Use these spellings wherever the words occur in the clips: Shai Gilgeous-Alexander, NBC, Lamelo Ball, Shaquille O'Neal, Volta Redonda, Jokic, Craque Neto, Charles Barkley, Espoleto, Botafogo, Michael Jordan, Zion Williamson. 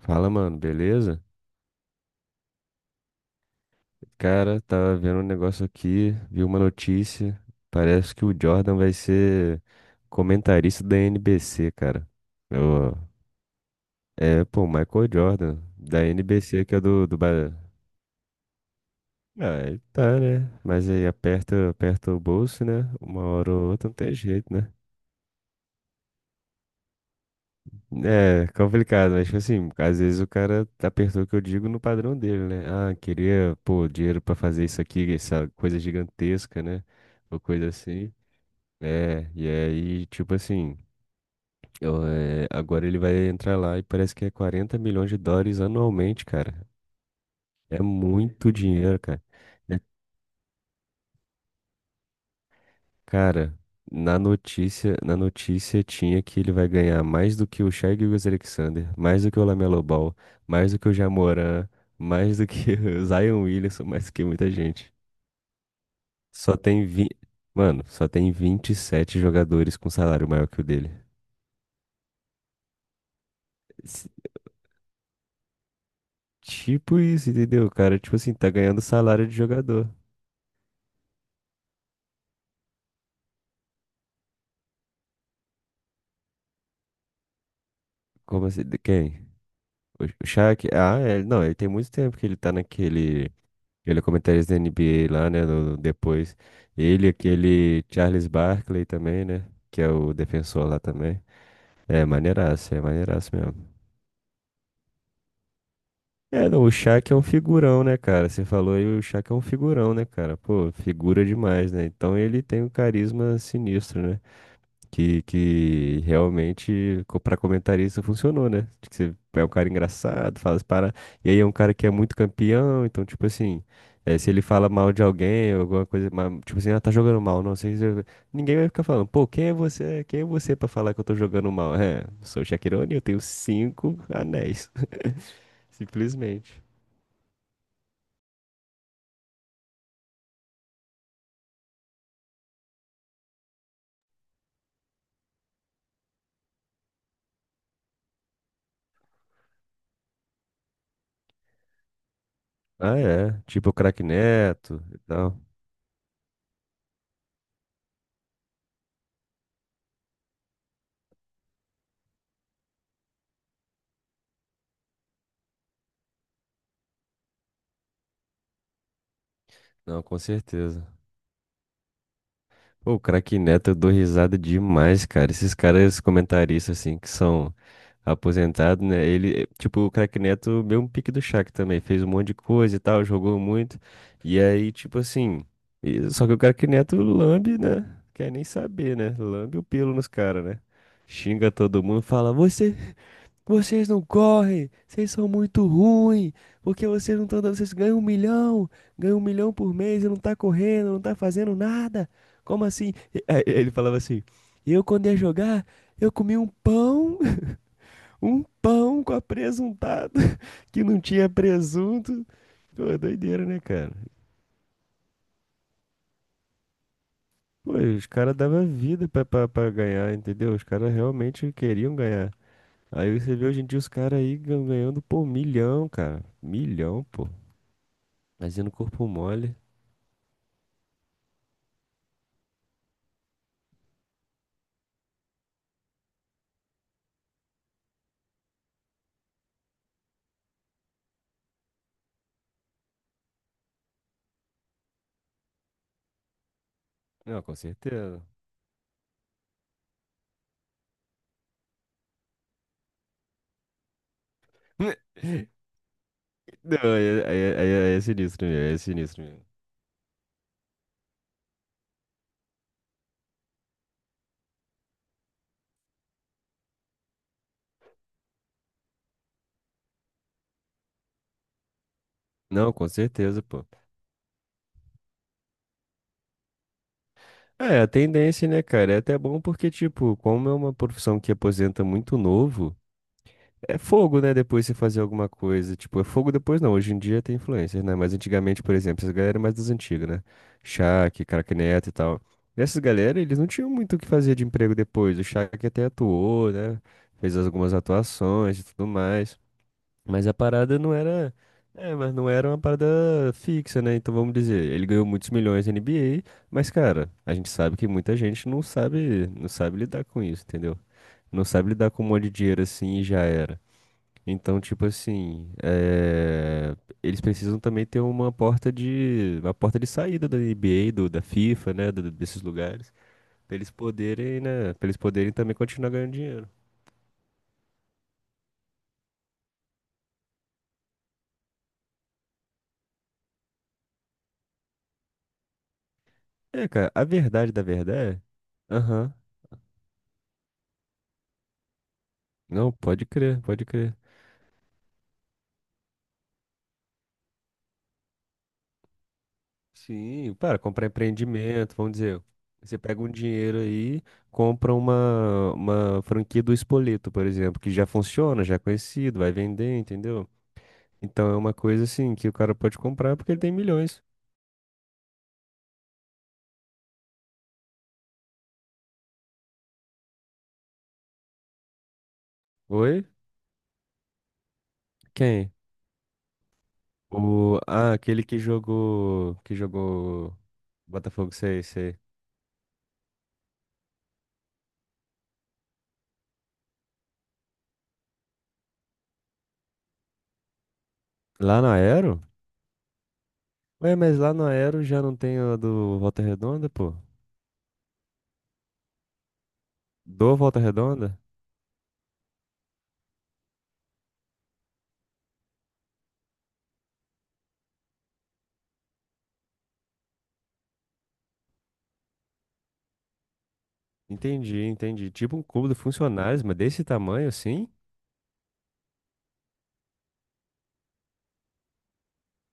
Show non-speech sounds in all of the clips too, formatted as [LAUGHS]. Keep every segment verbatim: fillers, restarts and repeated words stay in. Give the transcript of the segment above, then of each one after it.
Fala, mano, beleza? Cara, tava vendo um negócio aqui, vi uma notícia. Parece que o Jordan vai ser comentarista da N B C, cara. Eu- É, pô, Michael Jordan, da N B C, que é do, do... Ba- Ah, ele tá, né? Mas aí aperta, aperta o bolso, né? Uma hora ou outra não tem jeito, né? É complicado, mas tipo assim, às vezes o cara apertou o que eu digo no padrão dele, né? Ah, queria, pô, dinheiro pra fazer isso aqui, essa coisa gigantesca, né? Ou coisa assim. É, e aí, tipo assim, eu, é, agora ele vai entrar lá e parece que é quarenta milhões de dólares anualmente, cara. É muito dinheiro, cara. É. Cara, na notícia, na notícia tinha que ele vai ganhar mais do que o Shai Gilgeous-Alexander, mais do que o Lamelo Ball, mais do que o Jamoran, mais do que [LAUGHS] o Zion Williamson, mais do que muita gente. Só tem vi... Mano, só tem vinte e sete jogadores com salário maior que o dele. S- Tipo isso, entendeu? O cara, tipo assim, tá ganhando salário de jogador. Como assim? De quem? O o Shaq? Ah, é, não, ele tem muito tempo que ele tá naquele. Ele é comentarista da N B A lá, né? Do depois. Ele, aquele Charles Barkley também, né? Que é o defensor lá também. É maneiraço, é maneiraço mesmo. É, não, o Shaq é um figurão, né, cara? Você falou aí, o Shaq é um figurão, né, cara? Pô, figura demais, né? Então ele tem um carisma sinistro, né? Que, que realmente, para comentarista, funcionou, né? De que você é um cara engraçado, fala as para. E aí é um cara que é muito campeão, então, tipo assim, eh, se ele fala mal de alguém, ou alguma coisa, ma- tipo assim, ah, tá jogando mal, não sei. se- eu-" Ninguém vai ficar falando, pô, quem é você? Quem é você pra falar que eu tô jogando mal? É, sou o Shaquirone, eu tenho cinco anéis, [LAUGHS] simplesmente. Ah, é, tipo o Craque Neto e tal. Não, com certeza. Pô, o Craque Neto, eu dou risada demais, cara. Esses caras comentaristas, assim, que são aposentados, né? Ele, eh, tipo, o Craque Neto, mesmo pique do Shaq também, fez um monte de coisa e tal, jogou muito. E aí, tipo assim, e- só que o Craque Neto lambe, né? Quer nem saber, né? Lambe o pelo nos caras, né? Xinga todo mundo, fala, você vocês não correm, vocês são muito ruins, porque vocês não estão dando, vocês ganham um milhão, ganham um milhão por mês e não tá correndo, não tá fazendo nada. Como assim? E- aí Ele falava assim: eu quando ia jogar, eu comi um pão, [LAUGHS] um pão com apresuntado, [LAUGHS] que não tinha presunto. Pô, é doideira, né, cara? Pô, os caras davam vida pra, pra, pra ganhar, entendeu? Os caras realmente queriam ganhar. Aí você vê hoje em dia os caras aí gan- ganhando, pô, milhão, cara. Milhão, pô. Imagina o corpo mole. Não, com certeza. [LAUGHS] Não, aí é, aí é- aí é sinistro mesmo, aí é sinistro mesmo. Não, com certeza, pô. É, a tendência, né, cara? É até bom porque, tipo, como é uma profissão que aposenta muito novo, é fogo, né, depois você fazer alguma coisa. Tipo, é fogo depois não. Hoje em dia tem influencer, né? Mas antigamente, por exemplo, essas galera é mais das antigas, né? Shaq, Craque Neto e tal. Essas galera, eles não tinham muito o que fazer de emprego depois. O Shaq até atuou, né? Fez algumas atuações e tudo mais. Mas a parada não era. É, mas não era uma parada fixa, né? Então vamos dizer, ele ganhou muitos milhões na N B A, mas, cara, a gente sabe que muita gente não sabe, não sabe lidar com isso, entendeu? Não sabe lidar com um monte de dinheiro assim e já era. Então, tipo assim, é, eles precisam também ter uma porta de, uma porta de saída da N B A, do, da FIFA, né? do- desses lugares, pra eles poderem, né? Pra eles poderem também continuar ganhando dinheiro. É, cara, a verdade da verdade. É, aham. Não, pode crer, pode crer. Sim, para comprar empreendimento, vamos dizer, você pega um dinheiro aí, compra uma, uma franquia do Espoleto, por exemplo, que já funciona, já é conhecido, vai vender, entendeu? Então é uma coisa assim que o cara pode comprar porque ele tem milhões. Oi? Quem? O, ah, aquele que jogou, que jogou Botafogo, sei, sei. Lá na Aero? Ué, mas lá na Aero já não tem a do Volta Redonda, pô? Do Volta Redonda? Entendi, entendi. Tipo um cubo de funcionários, mas desse tamanho assim?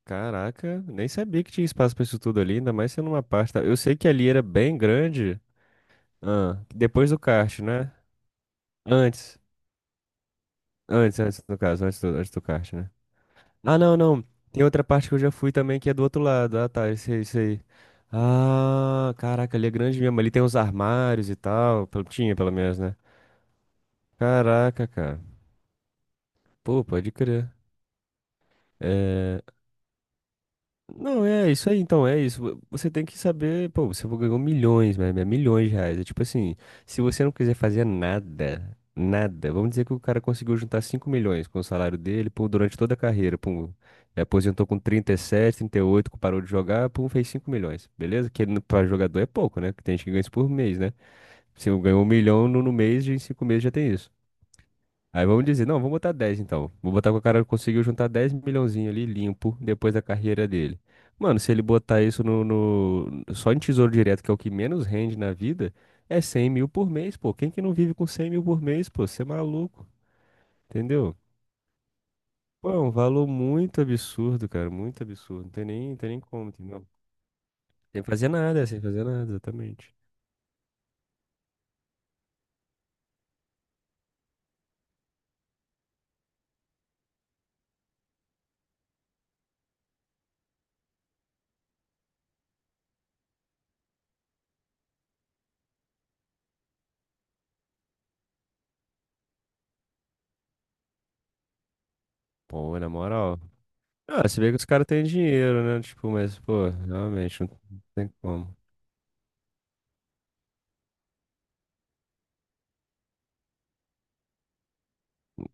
Caraca, nem sabia que tinha espaço pra isso tudo ali, ainda mais sendo uma pasta. Eu sei que ali era bem grande. Ah, depois do kart, né? Antes. Antes, antes no caso, antes do, antes do kart, né? Ah, não, não. Tem outra parte que eu já fui também que é do outro lado. Ah, tá, isso aí, isso aí. Ah, caraca, ali é grande mesmo. Ali tem uns armários e tal. pelo- Tinha, pelo menos, né? Caraca, cara. Pô, pode crer. É, não, é isso aí, então, é isso. Você tem que saber, pô, você ganhou milhões, né? Né, milhões de reais. É tipo assim, se você não quiser fazer nada, nada, vamos dizer que o cara conseguiu juntar cinco milhões com o salário dele, pô, durante toda a carreira, pô, é, aposentou com trinta trinta e sete, trinta e oito, que parou de jogar, pô, fez cinco milhões, beleza? Que para jogador é pouco, né? Que tem gente que ganha isso por mês, né? Se ganhou um milhão no, no mês, em cinco meses já tem isso. Aí vamos dizer, não, vamos botar dez, então. Vou botar que o cara conseguiu juntar dez milhãozinho ali limpo depois da carreira dele. Mano, se ele botar isso no, no- só em tesouro direto, que é o que menos rende na vida, é cem mil por mês, pô. Quem que não vive com cem mil por mês, pô? Você é maluco, entendeu? Pô, é um valor muito absurdo, cara, muito absurdo. Não tem nem, tem nem como, entendeu? Sem fazer nada, sem fazer nada, exatamente. Pô, na moral. Ah, se vê que os caras têm dinheiro, né? Tipo, mas, pô, realmente, não tem como.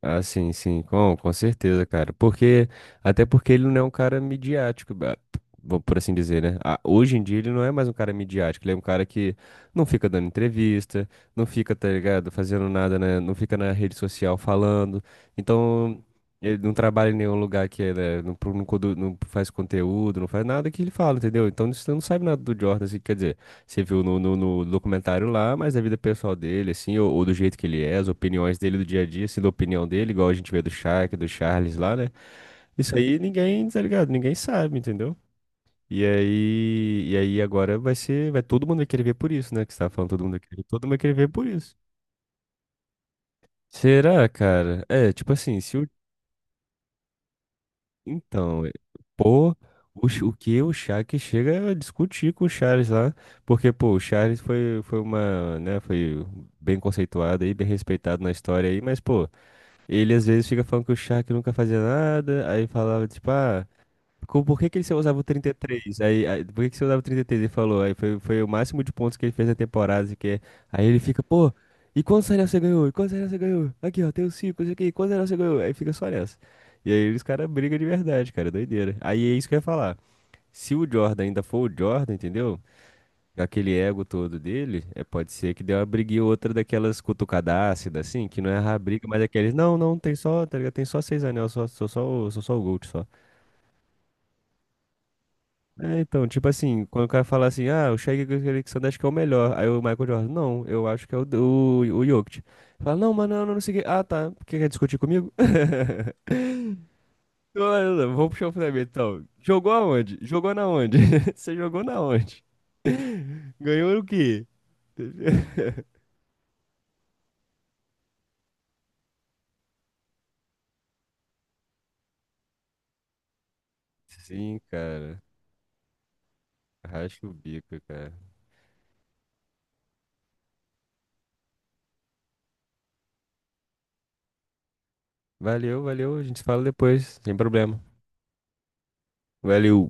Ah, sim, sim, com, com certeza, cara. Porque, até porque ele não é um cara midiático, ba- vamos por assim dizer, né? Ah, hoje em dia ele não é mais um cara midiático, ele é um cara que não fica dando entrevista, não fica, tá ligado, fazendo nada, né? Não fica na rede social falando. Então, ele não trabalha em nenhum lugar que ele é, né? Não, pro- não, codu- não faz conteúdo, não faz nada que ele fala, entendeu? Então, você não sabe nada do Jordan, assim, quer dizer. Você viu no, no, no documentário lá, mas a vida pessoal dele, assim, ou, ou do jeito que ele é, as opiniões dele do dia a dia, assim, da opinião dele, igual a gente vê do Shaq, do Charles lá, né? Isso aí ninguém, tá ligado? Ninguém sabe, entendeu? E aí, e aí agora vai ser, vai todo mundo vai querer ver por isso, né? Que você tava falando, todo mundo vai querer, todo mundo vai querer ver por isso. Será, cara? É, tipo assim, se Então, eh, pô, o, Ch- o que o Shaq chega a discutir com o Charles lá, porque, pô, o Charles foi, foi uma, né, foi bem conceituado aí, bem respeitado na história aí, mas, pô, ele às vezes fica falando que o Shaq nunca fazia nada, aí falava, tipo, ah, Co- por que que ele só usava o trinta e três? Aí, aí, por que que você usava o trinta e três? Ele falou, aí foi, foi o máximo de pontos que ele fez na temporada, assim, que aí ele fica, pô, e quantos anéis você ganhou? E quantos anéis você ganhou? Aqui, ó, tem os cinco, isso aqui, quantos anéis você ganhou? Aí fica só nessa. E aí os caras brigam de verdade, cara, é doideira. Aí é isso que eu ia falar. Se o Jordan ainda for o Jordan, entendeu? Aquele ego todo dele, é, pode ser que dê uma briguinha ou outra daquelas cutucadácidas, assim, que não é a briga, mas é aqueles, não, não, tem só, tá ligado? Tem só seis anéis, só, sou só, o- sou só o Gold, só. É, então, tipo assim, quando o cara fala assim, ah, o Shaq Alexander acho que é o melhor. Aí o Michael Jordan, não, eu acho que é o, o, o Jokic. Fala, não, mano, não, não sei o quê. Ah, tá. Porque quer discutir comigo? [LAUGHS] Não, não, não, vamos puxar o fundamento, então. Jogou aonde? Jogou na onde? [LAUGHS] Você jogou na onde? [LAUGHS] Ganhou o quê? [LAUGHS] Sim, cara. Rasca o bico, cara. Valeu, valeu. A gente se fala depois, sem problema. Valeu.